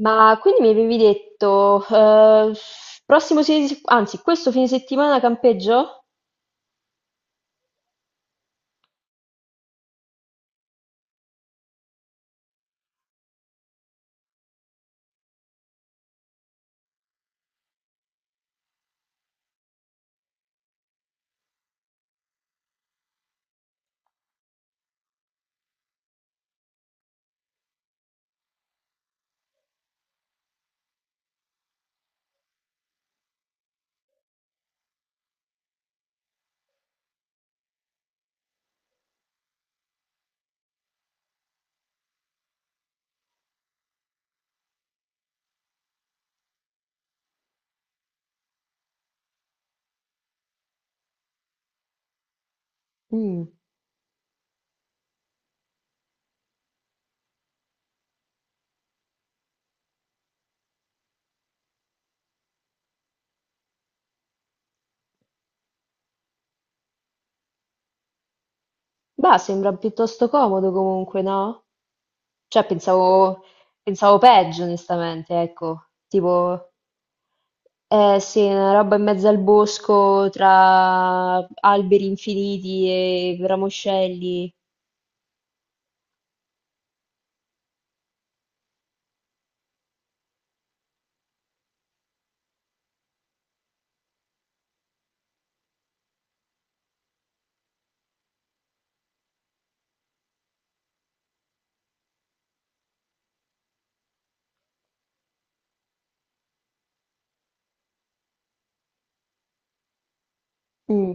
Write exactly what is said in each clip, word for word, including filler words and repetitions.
Ma quindi mi avevi detto, eh, prossimo fine, se- anzi, questo fine settimana campeggio? Mm. Beh, sembra piuttosto comodo comunque, no? Cioè, pensavo, pensavo peggio, onestamente, ecco. Tipo, eh sì, una roba in mezzo al bosco, tra alberi infiniti e ramoscelli. Mm.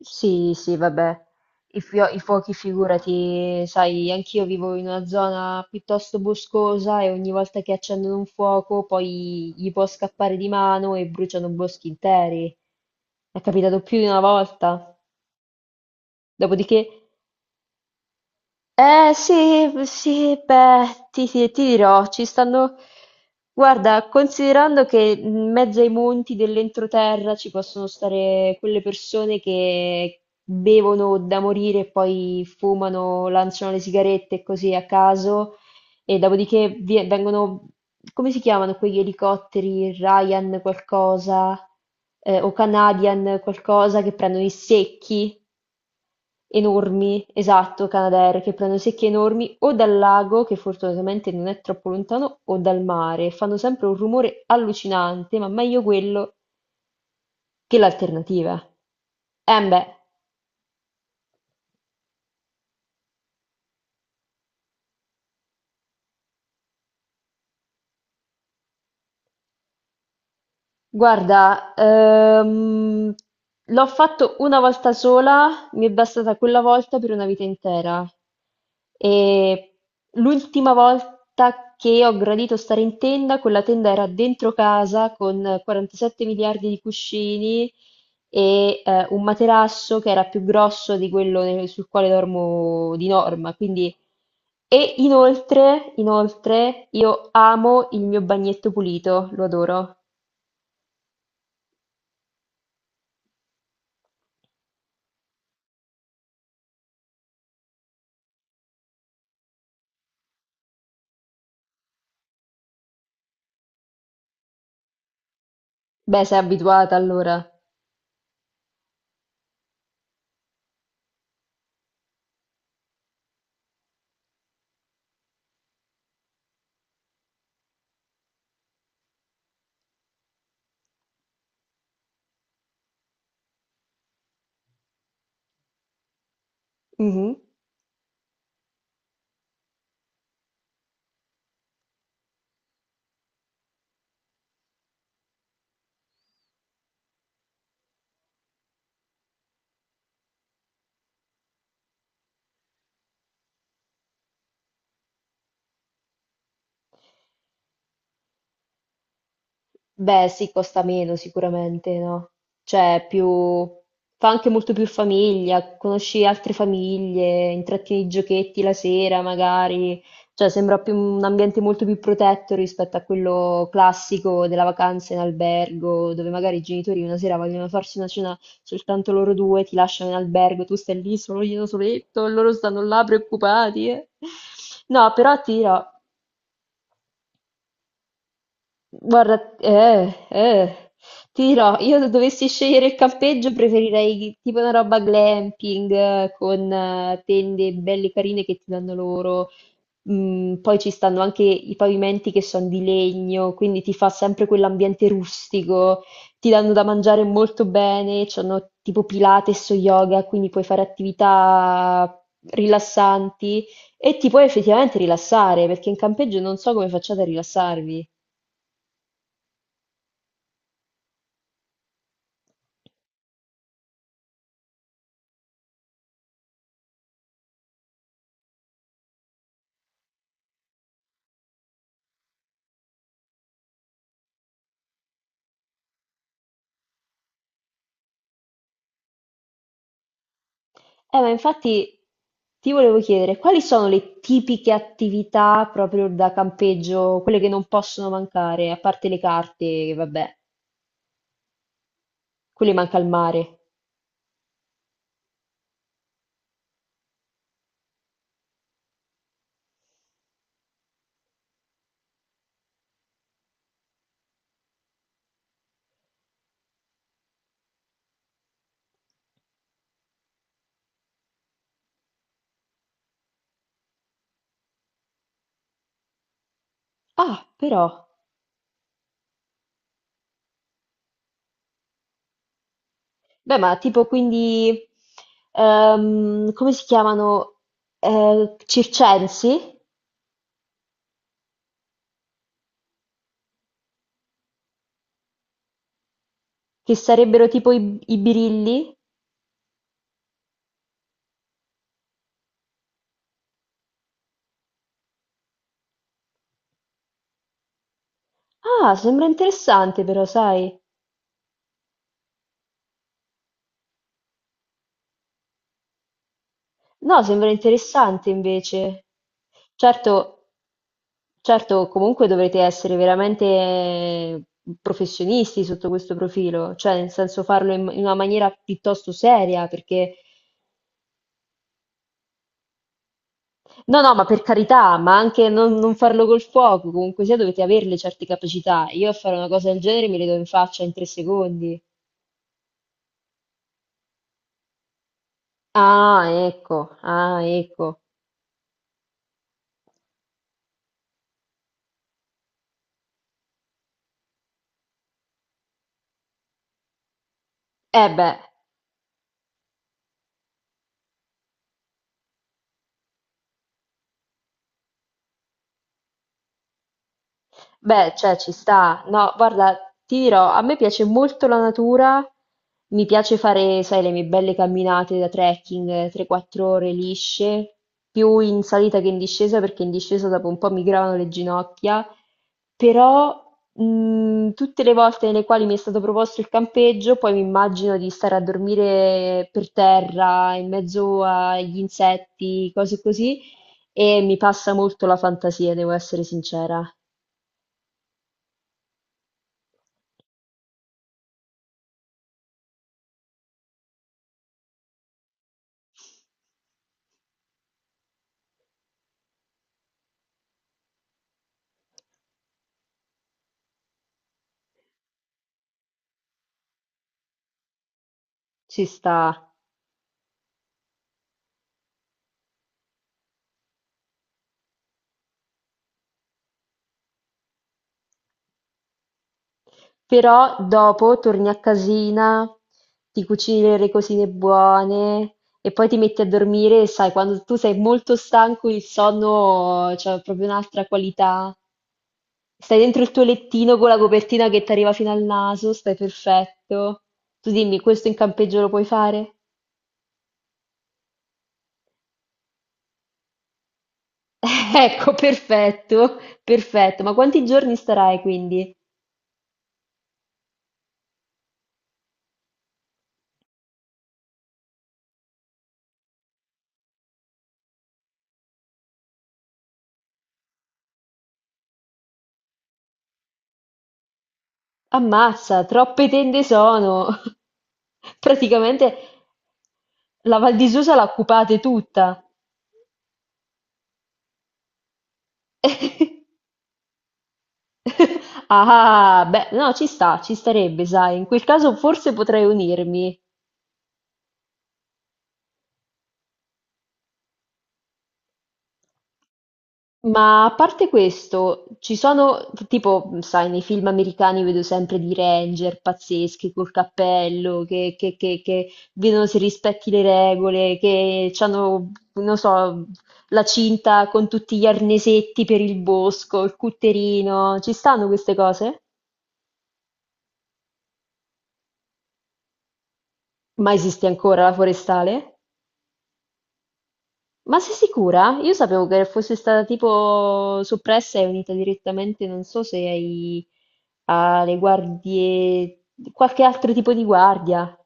Sì, sì, vabbè, i, fio- i fuochi figurati, sai, anch'io vivo in una zona piuttosto boscosa e ogni volta che accendono un fuoco poi gli può scappare di mano e bruciano boschi interi. È capitato più di una volta. Dopodiché eh sì, sì, beh, ti, ti- ti dirò, ci stanno... Guarda, considerando che in mezzo ai monti dell'entroterra ci possono stare quelle persone che bevono da morire e poi fumano, lanciano le sigarette così a caso e dopodiché vi- vengono, come si chiamano quegli elicotteri, Ryan qualcosa, eh, o Canadian qualcosa che prendono i secchi enormi, esatto, Canadair, che prendono secchie enormi o dal lago, che fortunatamente non è troppo lontano, o dal mare. Fanno sempre un rumore allucinante, ma meglio quello che l'alternativa. Eh beh. Guarda, ehm, l'ho fatto una volta sola, mi è bastata quella volta per una vita intera. E l'ultima volta che ho gradito stare in tenda, quella tenda era dentro casa con quarantasette miliardi di cuscini e eh, un materasso che era più grosso di quello ne- sul quale dormo di norma. Quindi... E inoltre, inoltre, io amo il mio bagnetto pulito, lo adoro. Beh, sei abituata allora. Mhm. Beh, sì, costa meno sicuramente, no? Cioè, più... fa anche molto più famiglia, conosci altre famiglie, intratti i giochetti la sera magari, cioè sembra più un ambiente molto più protetto rispetto a quello classico della vacanza in albergo, dove magari i genitori una sera vogliono farsi una cena soltanto loro due, ti lasciano in albergo, tu stai lì solo io soletto, loro stanno là preoccupati. Eh. No, però ti dirò. Guarda, eh, eh, ti dirò, io se dovessi scegliere il campeggio preferirei tipo una roba glamping eh, con eh, tende belle carine che ti danno loro. Mm, poi ci stanno anche i pavimenti che sono di legno, quindi ti fa sempre quell'ambiente rustico. Ti danno da mangiare molto bene, c'hanno tipo Pilates o yoga, quindi puoi fare attività rilassanti e ti puoi effettivamente rilassare, perché in campeggio non so come facciate a rilassarvi. Eh, ma infatti ti volevo chiedere, quali sono le tipiche attività proprio da campeggio, quelle che non possono mancare, a parte le carte, che vabbè, quelle manca il mare. Ah, però. Beh, ma tipo quindi, ehm, come si chiamano? Eh, circensi? Che sarebbero tipo i, i birilli? Ah, sembra interessante però, sai? No, sembra interessante invece. Certo, certo, comunque dovrete essere veramente professionisti sotto questo profilo, cioè nel senso farlo in, in una maniera piuttosto seria, perché no, no, ma per carità, ma anche non, non farlo col fuoco, comunque sia dovete averle certe capacità. Io a fare una cosa del genere mi le do in faccia in tre secondi. Ah, ecco, ah, ecco. Eh beh. Beh, cioè ci sta. No, guarda, ti dirò, a me piace molto la natura, mi piace fare, sai, le mie belle camminate da trekking, eh, tre quattro ore lisce, più in salita che in discesa, perché in discesa dopo un po' mi gravano le ginocchia, però mh, tutte le volte nelle quali mi è stato proposto il campeggio, poi mi immagino di stare a dormire per terra, in mezzo agli insetti, cose così, e mi passa molto la fantasia, devo essere sincera. Ci sta. Però dopo torni a casina, ti cucini delle cosine buone e poi ti metti a dormire e sai, quando tu sei molto stanco il sonno c'ha proprio un'altra qualità. Stai dentro il tuo lettino con la copertina che ti arriva fino al naso, stai perfetto. Tu dimmi, questo in campeggio lo puoi fare? Ecco, perfetto, perfetto. Ma quanti giorni starai quindi? Ammazza, troppe tende sono! Praticamente la Val di Susa la occupate tutta. Ah, beh, no, ci sta, ci starebbe, sai. In quel caso forse potrei unirmi. Ma a parte questo, ci sono, tipo, sai, nei film americani vedo sempre di ranger pazzeschi col cappello, che, che- che- che vedono se rispetti le regole, che hanno, non so, la cinta con tutti gli arnesetti per il bosco, il cutterino. Ci stanno queste cose? Ma esiste ancora la forestale? Ma sei sicura? Io sapevo che fosse stata tipo soppressa e unita direttamente, non so se ai, alle guardie, qualche altro tipo di guardia.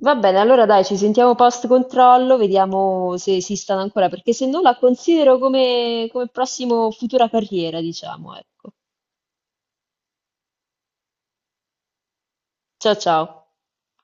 Va bene, allora dai, ci sentiamo post controllo, vediamo se esistono ancora, perché se no la considero come, come prossimo futura carriera, diciamo, ecco. Ciao ciao.